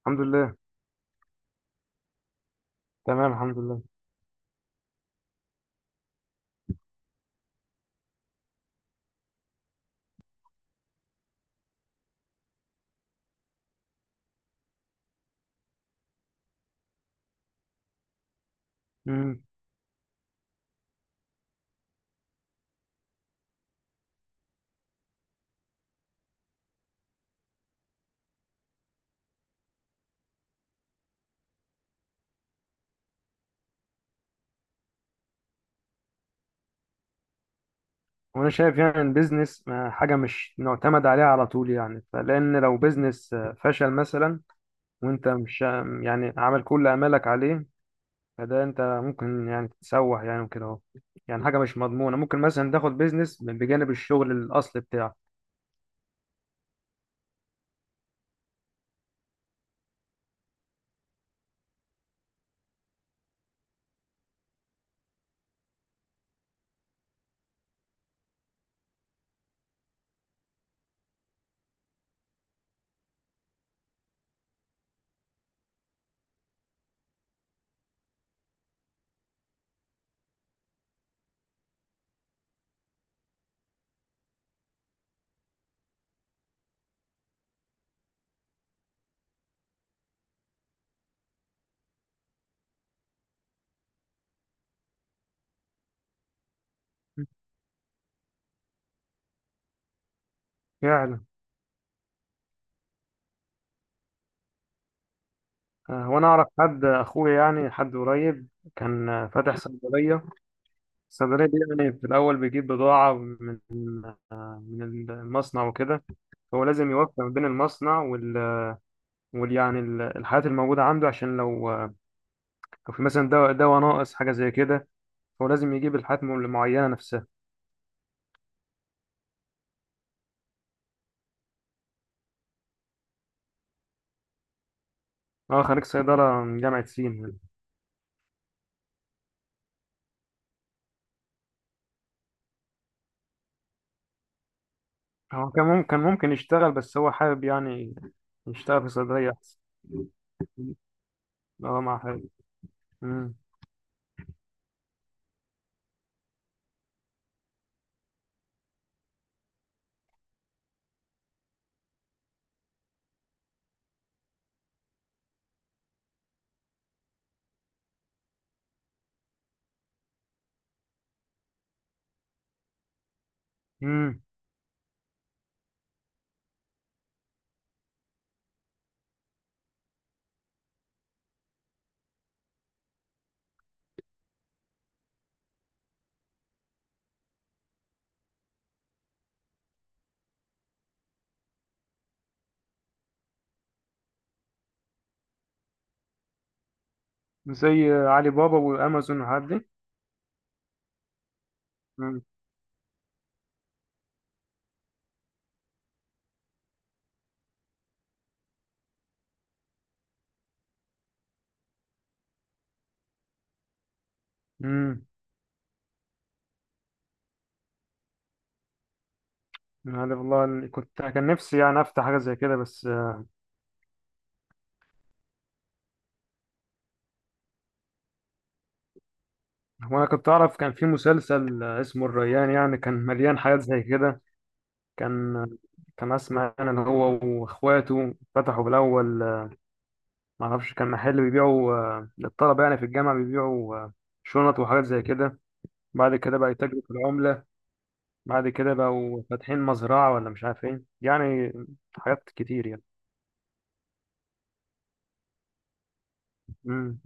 الحمد لله. تمام الحمد لله. امم وانا شايف يعني ان بيزنس حاجه مش معتمد عليها على طول يعني فلان لو بيزنس فشل مثلا، وانت مش يعني عامل كل امالك عليه، فده انت ممكن يعني تتسوح يعني وكده اهو. يعني حاجه مش مضمونه، ممكن مثلا تاخد بيزنس بجانب الشغل الاصلي بتاعك. فعلا. وانا اعرف حد اخويا يعني حد قريب كان فاتح صيدليه. الصيدليه دي يعني في الاول بيجيب بضاعه من من المصنع وكده. هو لازم يوفق بين المصنع وال، وال يعني الحالات الموجودة عنده، عشان لو لو في مثلا دواء ناقص حاجة زي كده، هو لازم يجيب الحالات المعينة نفسها. هو خريج صيدلة من جامعة سين. هو كان ممكن كان ممكن يشتغل، بس هو حابب يعني يشتغل في صيدلية أحسن. اه مع حاجة. امم. امم. زي علي بابا وأمازون والحاجات دي. امم. امم. يعني والله كنت كان نفسي يعني أفتح حاجة زي كده بس. هو انا كنت اعرف كان في مسلسل اسمه الريان، يعني كان مليان حاجات زي كده. كان كان اسمع انا ان هو واخواته فتحوا بالاول، ما اعرفش، كان محل بيبيعوا للطلبه يعني في الجامعه، بيبيعوا شنط وحاجات زي كده. بعد كده بقى يتاجروا في العمله. بعد كده بقوا فاتحين مزرعه ولا مش عارف ايه يعني، حاجات كتير يعني. امم.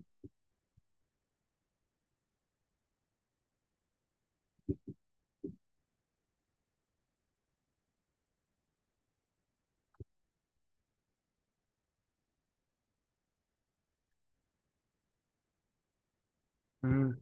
امم.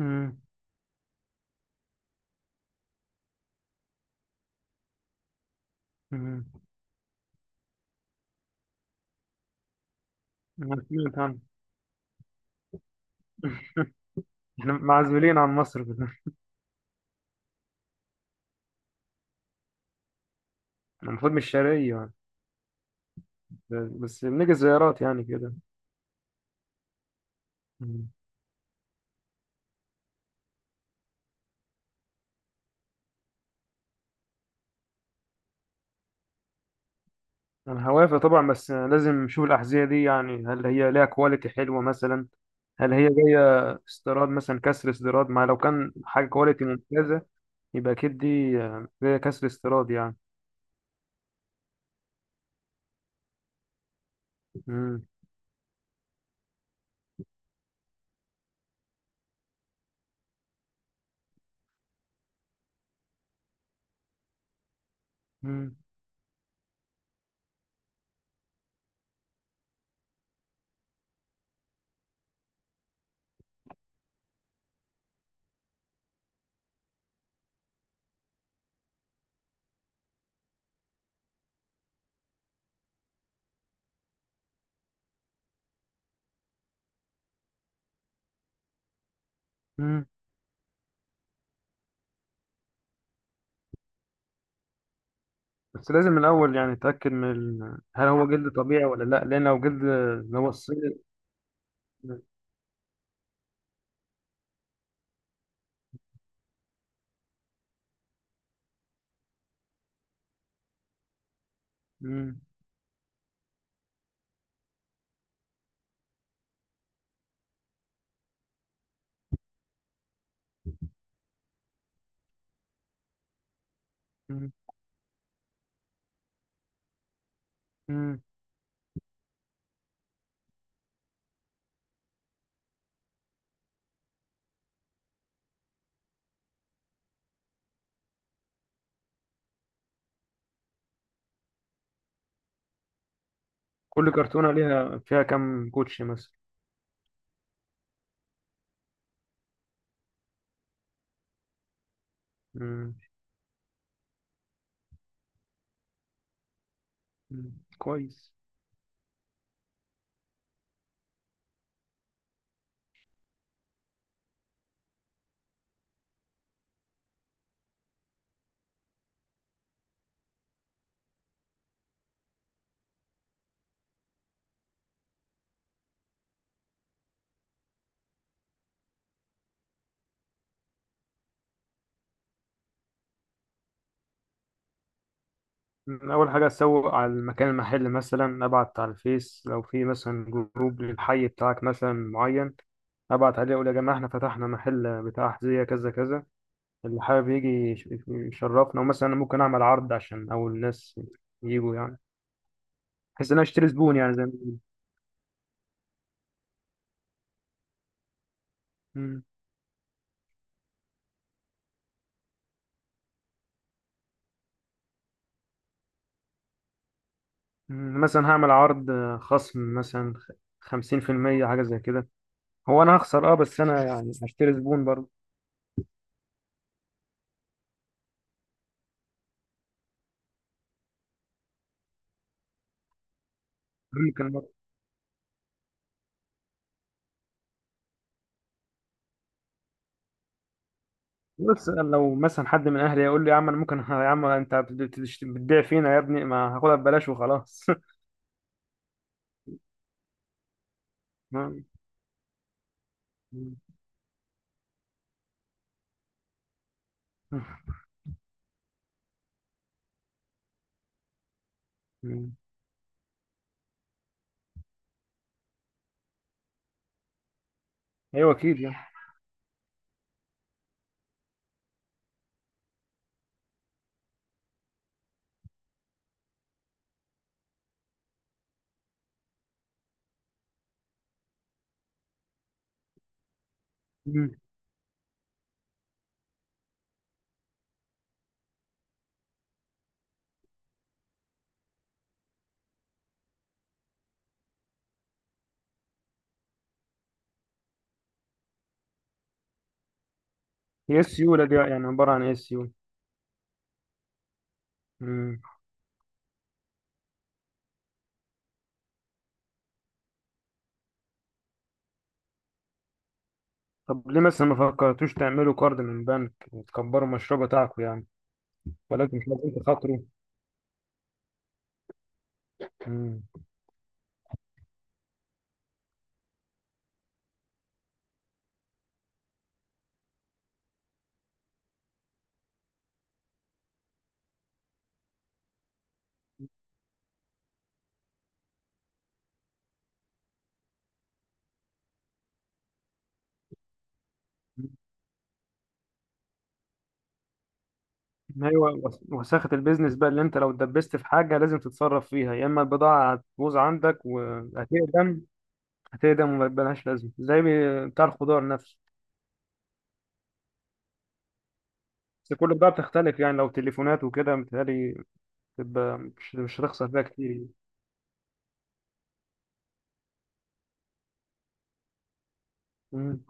امم. امم. أنا سمعت عنه. احنا معزولين عن مصر كده. أنا المفروض مش شرقية، بس بنيجي زيارات يعني كده. مم. انا هوافق طبعا، بس لازم نشوف الاحذيه دي يعني، هل هي ليها كواليتي حلوه مثلا؟ هل هي جايه استيراد مثلا، كسر استيراد؟ ما لو كان حاجه كواليتي ممتازه يبقى اكيد دي جايه كسر استيراد يعني. مم. مم. مم. بس لازم من الاول يعني نتاكد من هل هو جلد طبيعي ولا لا، لان لو جلد اللي هو الصيد. مم. مم. مم. كل كرتونه ليها فيها كام كوتشي مثلا؟ مم. مم. كويس. أول حاجة أسوق على المكان المحل، مثلا أبعت على الفيس لو في مثلا جروب للحي بتاعك مثلا معين، أبعت عليه أقول يا جماعة إحنا فتحنا محل بتاع أحذية كذا كذا، اللي حابب يجي يشرفنا، ومثلا أنا ممكن أعمل عرض عشان أول الناس يجوا يعني، بحيث إن أنا أشتري زبون يعني زي ما بيقولوا. مم. مم. مثلا هعمل عرض خصم مثلا، خمسين في المية حاجة زي كده. هو أنا هخسر، أه، بس أنا يعني هشتري زبون برضه. ممكن. بص لو مثلا حد من اهلي يقول لي يا عم انا ممكن، يا عم انت بتبيع فينا يا ابني، ما هاخدها ببلاش وخلاص. ما- مم. ايوه اكيد يعني. مم. هي السيوله دي يعني عباره عن ايه السيوله؟ مم. طب ليه مثلا ما فكرتوش تعملوا كارد من بنك وتكبروا المشروع بتاعكم يعني؟ ولكن مش لازم تخاطروا. مم. ايوه، وساخه البيزنس بقى، اللي انت لو اتدبست في حاجه لازم تتصرف فيها، يا اما البضاعه هتبوظ عندك وهتقدم، هتقدم ومبقالهاش لازمه، زي بتاع الخضار نفسه. بس كل بقى بتختلف يعني، لو تليفونات وكده متهيألي تبقى مش مش هتخسر فيها كتير يعني. مم.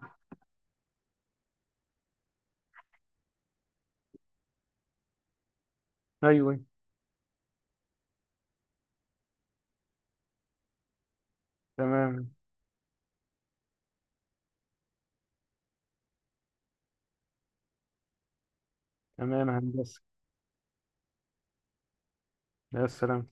أيوه. تمام. تمام يا هندسة. يا سلام.